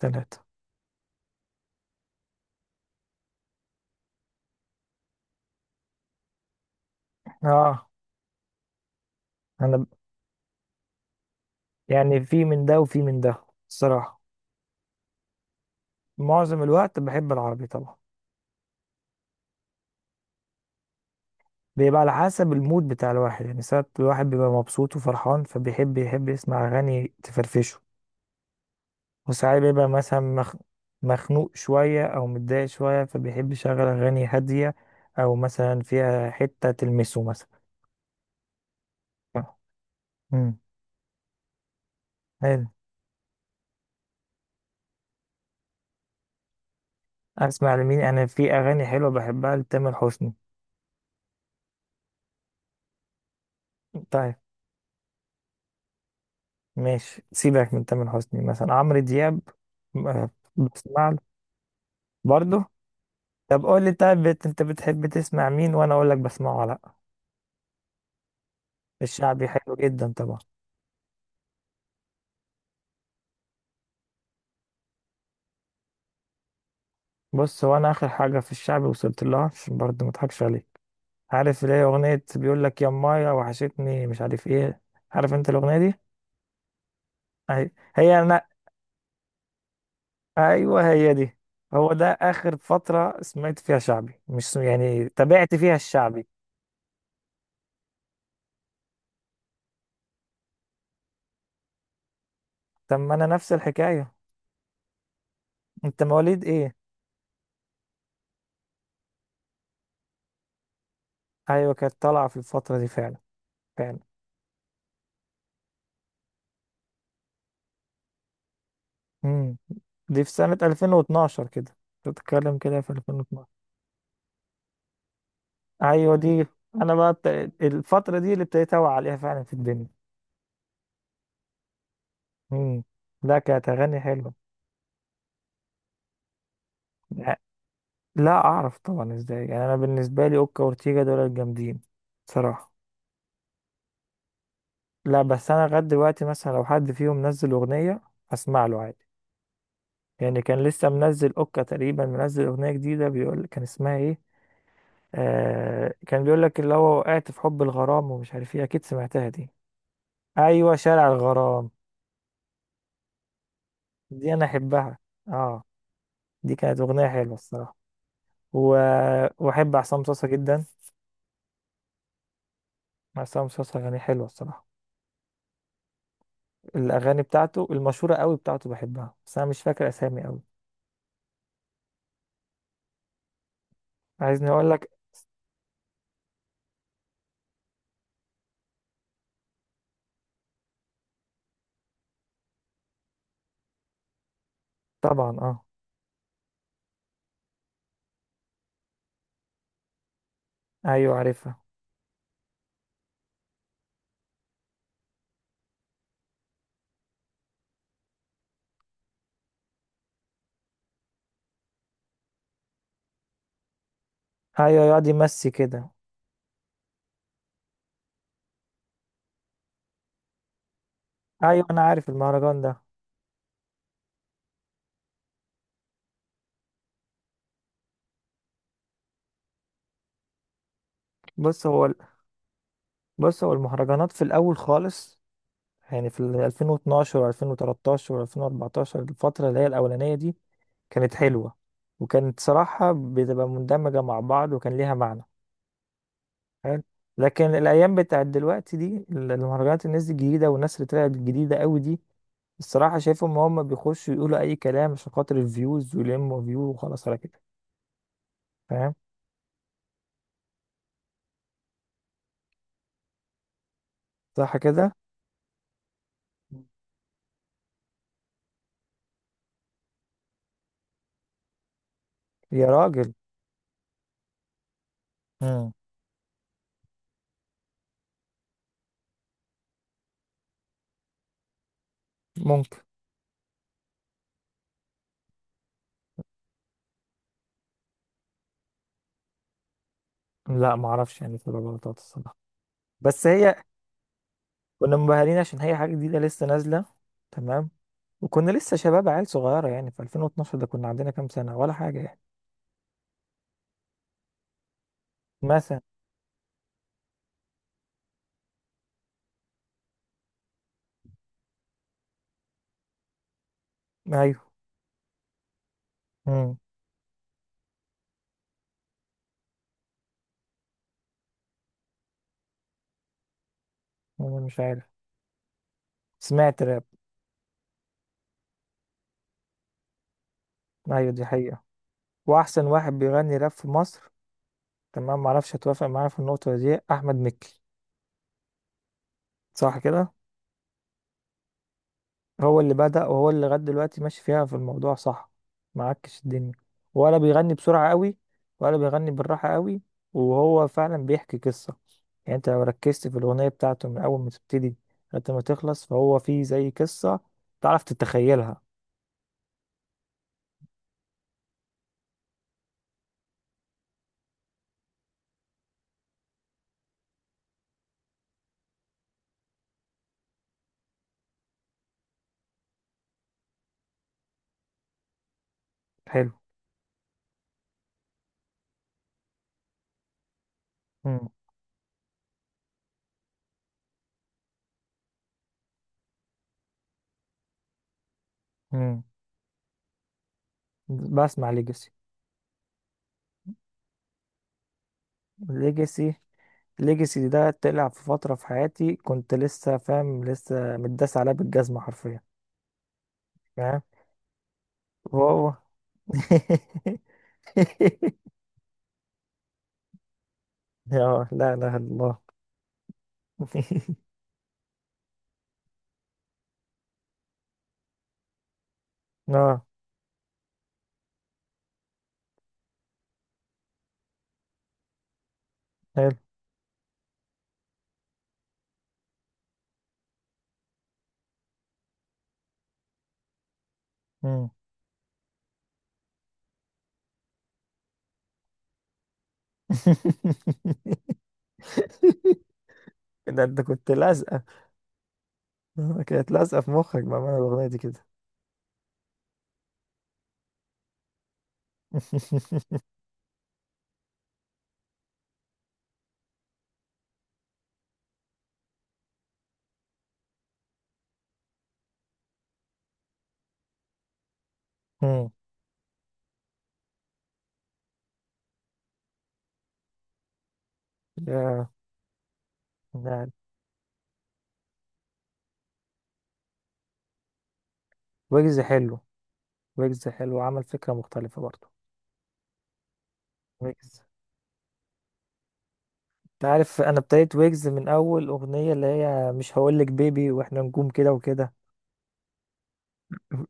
ثلاثة. اه، انا ب- يعني في من ده وفي من ده، الصراحة. معظم الوقت بحب العربي طبعا. بيبقى على حسب المود بتاع الواحد، يعني ساعات الواحد بيبقى مبسوط وفرحان فبيحب يسمع أغاني تفرفشه. وساعات بيبقى مثلا مخنوق شوية أو متضايق شوية، فبيحب يشغل أغاني هادية، أو مثلا فيها حتة تلمسه مثلا. امم حلو. أسمع لمين؟ أنا في أغاني حلوة بحبها لتامر حسني. طيب، ماشي، سيبك من تامر حسني، مثلا عمرو دياب م- آه، بسمع له برضه. طب قول لي، طيب انت بتحب تسمع مين وانا اقول لك بسمعه ولا لا؟ الشعبي حلو جدا طبعا. بص، هو انا اخر حاجه في الشعبي وصلت لها عشان برضه ما اضحكش عليك، عارف اللي هي اغنيه بيقول لك يا مايا وحشتني مش عارف ايه. عارف انت الاغنيه دي؟ أهي. هي انا ايوه هي دي. هو ده اخر فتره سمعت فيها شعبي، مش يعني تابعت فيها الشعبي. طب ما انا نفس الحكايه. انت مواليد ايه؟ ايوه، كانت طالعه في الفتره دي فعلا، فعلا. امم دي في سنه 2012 كده. بتتكلم كده في 2012؟ ايوه دي. انا بقى بت... الفتره دي اللي ابتديت اوعى عليها فعلا في الدنيا. امم لا، كانت اغاني حلوه. لا، لا اعرف طبعا، ازاي يعني؟ انا بالنسبه لي اوكا وأورتيجا دول الجامدين، صراحه. لا، بس انا لغايه دلوقتي مثلا لو حد فيهم نزل اغنيه، اسمع له عادي. يعني كان لسه منزل اوكا تقريبا، منزل اغنيه جديده، بيقول كان اسمها ايه؟ آه، كان بيقول لك اللي هو وقعت في حب الغرام ومش عارف ايه، اكيد سمعتها دي. ايوه شارع الغرام. دي انا احبها. اه، دي كانت اغنيه حلوه الصراحه. و... واحب عصام صاصا جدا. عصام صاصا اغاني حلوه الصراحه. الاغاني بتاعته المشهوره قوي بتاعته بحبها، بس انا مش فاكر اسامي قوي. عايزني اقول لك؟ طبعا اه. ايوه عارفها. ايوه يقعد يمسي كده. ايوه انا عارف المهرجان ده. بص هو بص، هو المهرجانات في الاول خالص، يعني في ال 2012 و2013 و2014، الفترة اللي هي الأولانية دي كانت حلوة. وكانت صراحة بتبقى مندمجة مع بعض وكان ليها معنى. حلو. لكن الأيام بتاعت دلوقتي دي، المهرجانات، الناس دي الجديدة والناس اللي طلعت الجديدة قوي دي، الصراحة شايفهم هم بيخشوا يقولوا أي كلام عشان خاطر الفيوز ويلموا فيو وخلاص على كده. فاهم؟ صح كده. يا راجل. مم. ممكن. لا معرفش، يعني تبقى غلطات الصراحة. بس هي كنا منبهرين عشان هي حاجة جديدة لسه نازلة. تمام. وكنا لسه شباب عيال صغيرة، يعني في 2012 ده كنا عندنا كام سنة ولا حاجة يعني. مثلا. أيوه. مم. أنا مش عارف. سمعت راب. أيوه دي حقيقة. وأحسن واحد بيغني راب في مصر، تمام، معرفش هتوافق معايا في النقطة دي، أحمد مكي. صح كده؟ هو اللي بدأ وهو اللي لغاية دلوقتي ماشي فيها في الموضوع، صح، معكش الدنيا، ولا بيغني بسرعة قوي، ولا بيغني بالراحة قوي. وهو فعلا بيحكي قصة، يعني انت لو ركزت في الأغنية بتاعته من أول ما تبتدي لغاية ما تخلص، فهو فيه زي قصة تعرف تتخيلها. حلو. مم. مم. بسمع ليجاسي. ليجاسي. ليجاسي ده طلع في فترة في حياتي كنت لسه متداس عليها بالجزمة حرفيا. فاهم. وهو اه، لا اله الا الله. اه. حلو. مم. ده انت كنت لازقه. آه، كانت لازقه في مخك بقى، معنى الاغنيه دي كده. مم. يا. لا. ويجز حلو. ويجز حلو، عمل فكره مختلفه برضه. ويجز، انت عارف انا ابتديت ويجز من اول اغنيه اللي هي مش هقولك بيبي واحنا نجوم كده وكده.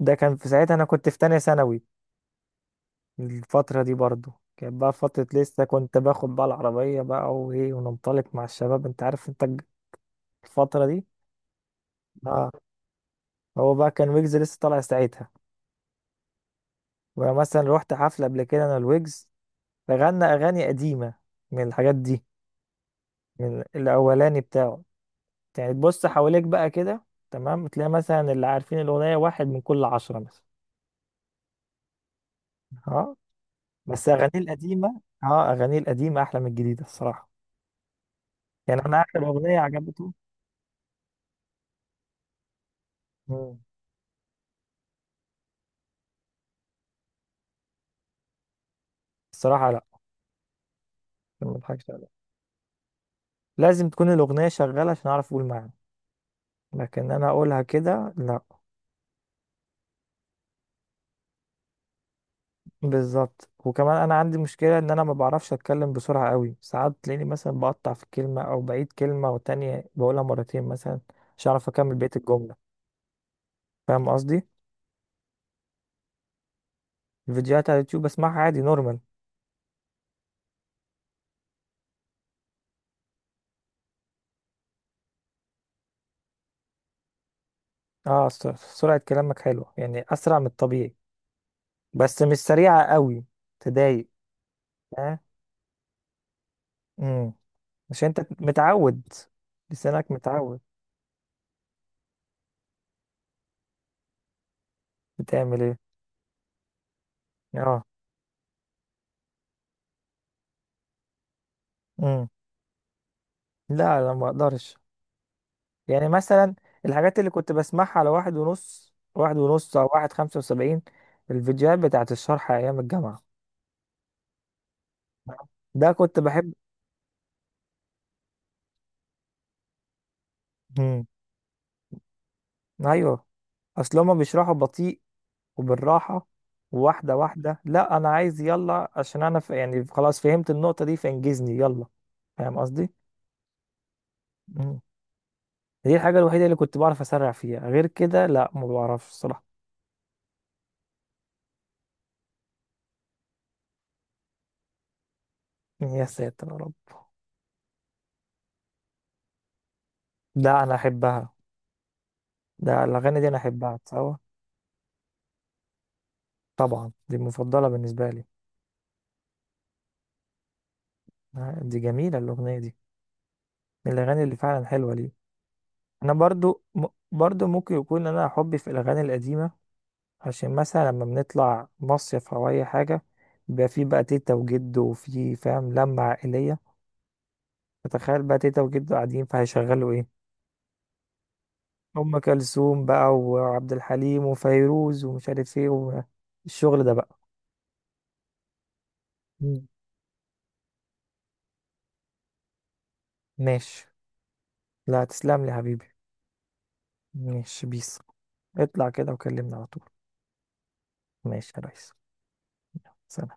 ده كان في ساعتها انا كنت في تانية ثانوي. الفترة دي برضو كانت بقى فترة، لسه كنت باخد بقى العربية بقى وإيه وننطلق مع الشباب، أنت عارف الفترة دي. آه، هو بقى كان ويجز لسه طالع ساعتها، ومثلا روحت حفلة قبل كده أنا الويجز، فغنى أغاني قديمة من الحاجات دي، من الأولاني بتاعه. يعني تبص حواليك بقى كده، تمام، تلاقي مثلا اللي عارفين الأغنية واحد من كل 10 مثلا. آه، بس أغانيه القديمة، آه أغانيه القديمة أحلى من الجديدة الصراحة. يعني أنا آخر أغنية عجبته. مم. الصراحة لا. عشان ما اضحكش عليك، لازم تكون الاغنيه شغاله عشان اعرف اقول معاها، لكن انا اقولها كده لا. بالظبط، وكمان انا عندي مشكله ان انا ما بعرفش اتكلم بسرعه قوي، ساعات تلاقيني مثلا بقطع في كلمه او بعيد كلمه وتانية بقولها مرتين مثلا، مش عارف اكمل بقيه الجمله. فاهم قصدي؟ الفيديوهات على اليوتيوب بسمعها عادي نورمال. اه، سرعه كلامك حلوه يعني، اسرع من الطبيعي، بس مش سريعه قوي. تضايق. اه. امم عشان انت متعود، لسانك متعود. بتعمل ايه؟ اه لا لا ما اقدرش. يعني مثلا الحاجات اللي كنت بسمعها على 1.5، او 1.75، الفيديوهات بتاعت الشرح ايام الجامعة ده كنت بحب. مم. ايوه. اصل هما بيشرحوا بطيء وبالراحة، واحدة واحدة. لا انا عايز يلا، عشان انا ف... يعني خلاص فهمت النقطة دي فانجزني يلا. فاهم قصدي؟ مم. دي الحاجة الوحيدة اللي كنت بعرف اسرع فيها، غير كده لا ما بعرفش الصراحة. يا ساتر يا رب. ده انا احبها، ده الاغاني دي انا احبها تصور. طبعا دي المفضلة بالنسبة لي. آه، دي جميلة الأغنية دي، من الأغاني اللي فعلا حلوة لي. أنا برضو م... برضو ممكن يكون أنا حبي في الأغاني القديمة، عشان مثلا لما بنطلع مصيف أو أي حاجة بيبقى في بقى تيتا وجد، وفي فاهم لمة عائلية، فتخيل بقى تيتا وجد قاعدين فهيشغلوا إيه؟ أم كلثوم بقى وعبد الحليم وفيروز ومش عارف إيه، والشغل ده بقى. مم. ماشي. لا تسلم لي يا حبيبي. ماشي بيس. اطلع كده وكلمني على طول. ماشي يا ريس. سلام.